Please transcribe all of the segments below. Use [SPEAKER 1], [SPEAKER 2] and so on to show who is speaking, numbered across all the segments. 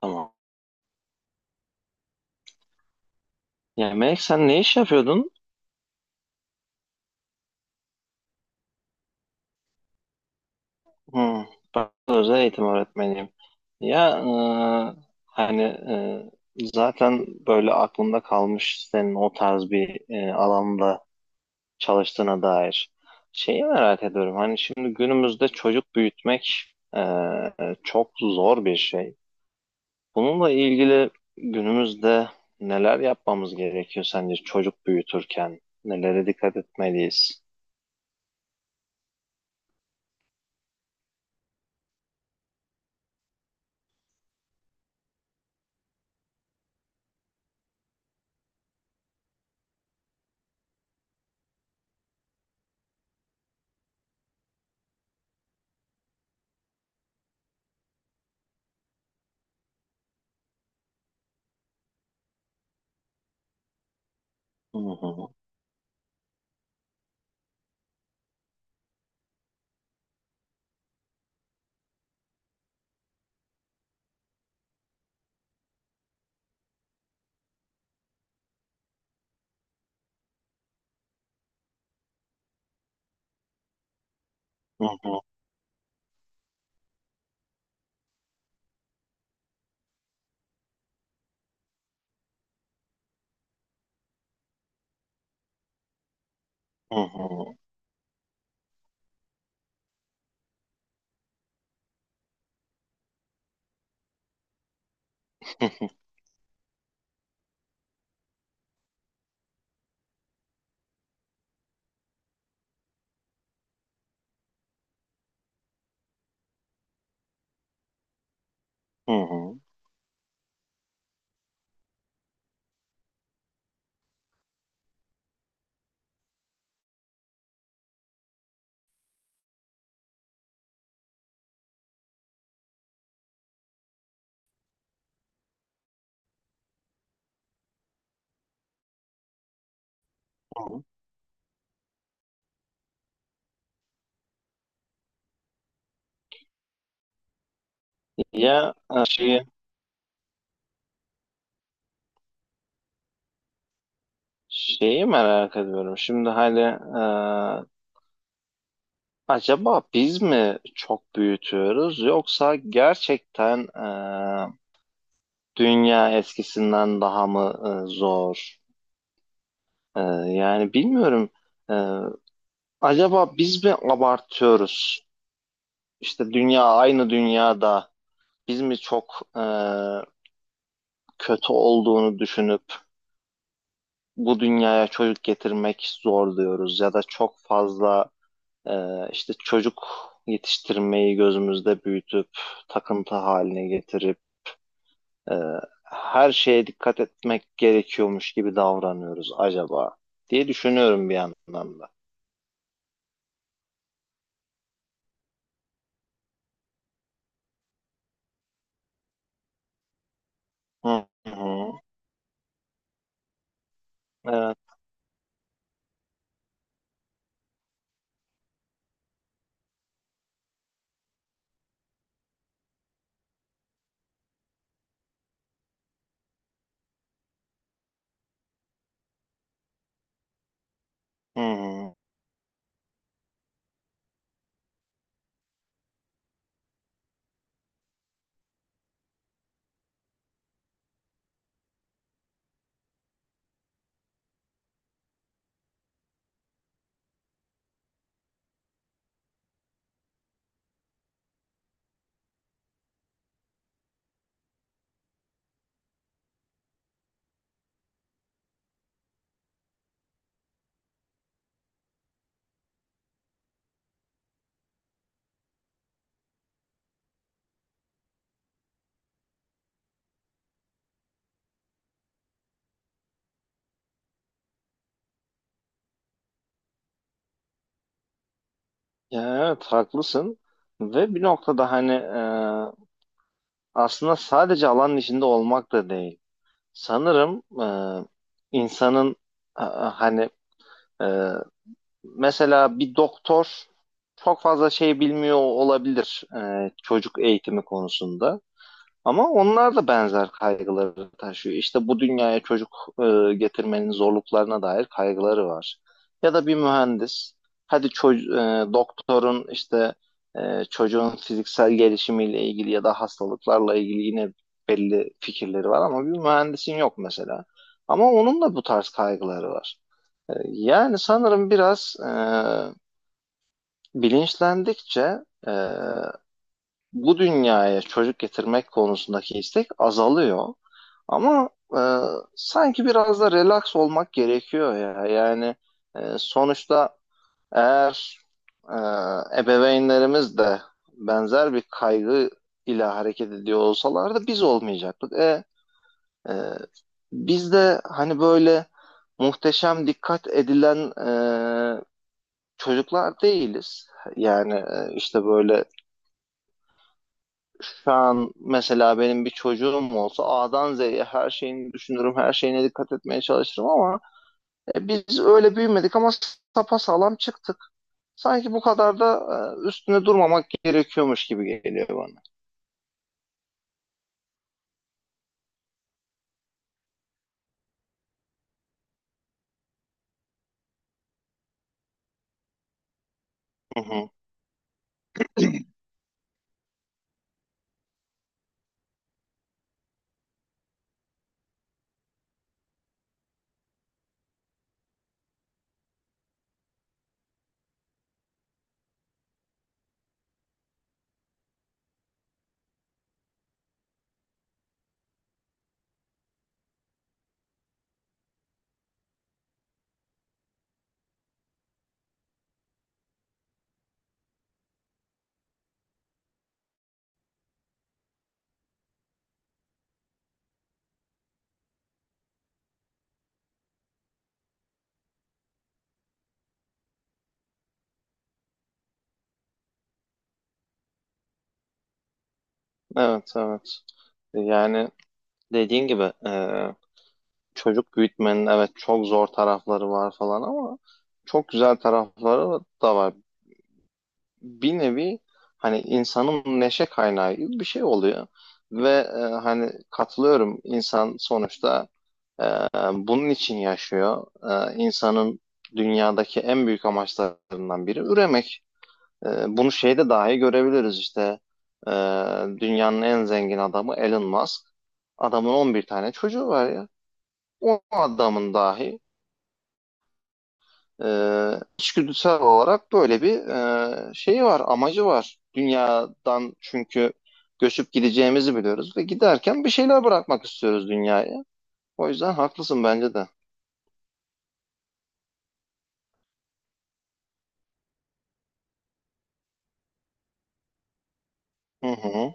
[SPEAKER 1] Tamam. Ya Melek sen ne iş yapıyordun? Hmm, ben özel eğitim öğretmeniyim. Ya hani zaten böyle aklımda kalmış senin o tarz bir alanda çalıştığına dair. Şeyi merak ediyorum. Hani şimdi günümüzde çocuk büyütmek e, çok zor bir şey. Bununla ilgili günümüzde neler yapmamız gerekiyor sence çocuk büyütürken? Nelere dikkat etmeliyiz? Hı hı, hı hı, hı hı. Hı hı, hı hı. Ya e, şeyi, şeyi merak ediyorum. Şimdi hani acaba biz mi çok büyütüyoruz yoksa gerçekten e, dünya eskisinden daha mı zor? Yani bilmiyorum. E, acaba biz mi abartıyoruz? İşte dünya aynı dünyada biz mi çok kötü olduğunu düşünüp bu dünyaya çocuk getirmek zor diyoruz ya da çok fazla işte çocuk yetiştirmeyi gözümüzde büyütüp takıntı haline getirip e, her şeye dikkat etmek gerekiyormuş gibi davranıyoruz acaba diye düşünüyorum bir yandan da. Hı hı. Evet. Hı hı. Ya evet, haklısın ve bir noktada hani aslında sadece alanın içinde olmak da değil. Sanırım insanın e, hani e, mesela bir doktor çok fazla şey bilmiyor olabilir çocuk eğitimi konusunda. Ama onlar da benzer kaygıları taşıyor. İşte bu dünyaya çocuk getirmenin zorluklarına dair kaygıları var. Ya da bir mühendis, hadi doktorun işte çocuğun fiziksel gelişimiyle ilgili ya da hastalıklarla ilgili yine belli fikirleri var ama bir mühendisin yok mesela. Ama onun da bu tarz kaygıları var. Yani sanırım biraz bilinçlendikçe e, bu dünyaya çocuk getirmek konusundaki istek azalıyor. Ama e, sanki biraz da relax olmak gerekiyor ya. Yani sonuçta eğer e, ebeveynlerimiz de benzer bir kaygı ile hareket ediyor olsalardı biz olmayacaktık. E, biz de hani böyle muhteşem dikkat edilen çocuklar değiliz. Yani işte böyle şu an mesela benim bir çocuğum olsa A'dan Z'ye her şeyini düşünürüm, her şeyine dikkat etmeye çalışırım ama biz öyle büyümedik ama sapasağlam çıktık. Sanki bu kadar da üstüne durmamak gerekiyormuş gibi geliyor bana. Hı hı. Evet, evet. Yani dediğin gibi çocuk büyütmenin evet çok zor tarafları var falan ama çok güzel tarafları da var. Bir nevi hani insanın neşe kaynağı gibi bir şey oluyor. Ve hani katılıyorum, insan sonuçta e, bunun için yaşıyor. İnsanın dünyadaki en büyük amaçlarından biri üremek. Bunu şeyde dahi görebiliriz işte. E, dünyanın en zengin adamı Elon Musk. Adamın 11 tane çocuğu var ya. O adamın dahi içgüdüsel olarak böyle bir şeyi var, amacı var. Dünyadan çünkü göçüp gideceğimizi biliyoruz ve giderken bir şeyler bırakmak istiyoruz dünyaya. O yüzden haklısın bence de. Hı hı.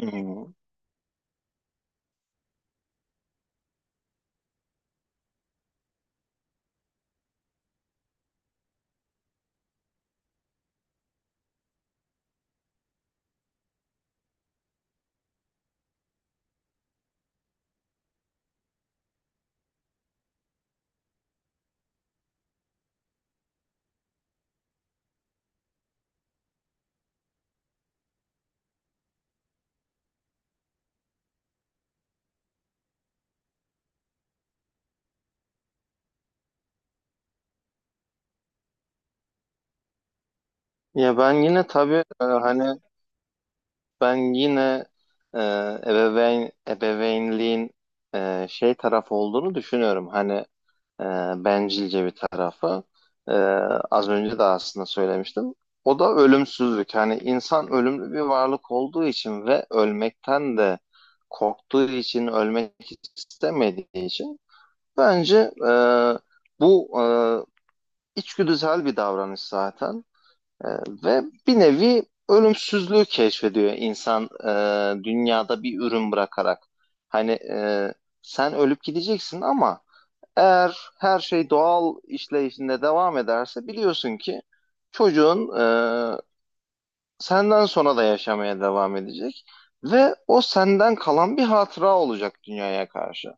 [SPEAKER 1] Hı hı. Ya e, hani ben yine e, ebeveynliğin şey tarafı olduğunu düşünüyorum. Hani e, bencilce bir tarafı. E, az önce de aslında söylemiştim. O da ölümsüzlük. Hani insan ölümlü bir varlık olduğu için ve ölmekten de korktuğu için, ölmek istemediği için bence bu içgüdüsel bir davranış zaten. E, ve bir nevi ölümsüzlüğü keşfediyor insan dünyada bir ürün bırakarak. Hani sen ölüp gideceksin ama eğer her şey doğal işleyişinde devam ederse biliyorsun ki çocuğun e, senden sonra da yaşamaya devam edecek ve o senden kalan bir hatıra olacak dünyaya karşı.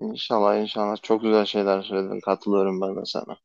[SPEAKER 1] İnşallah, inşallah çok güzel şeyler söyledin. Katılıyorum ben de sana.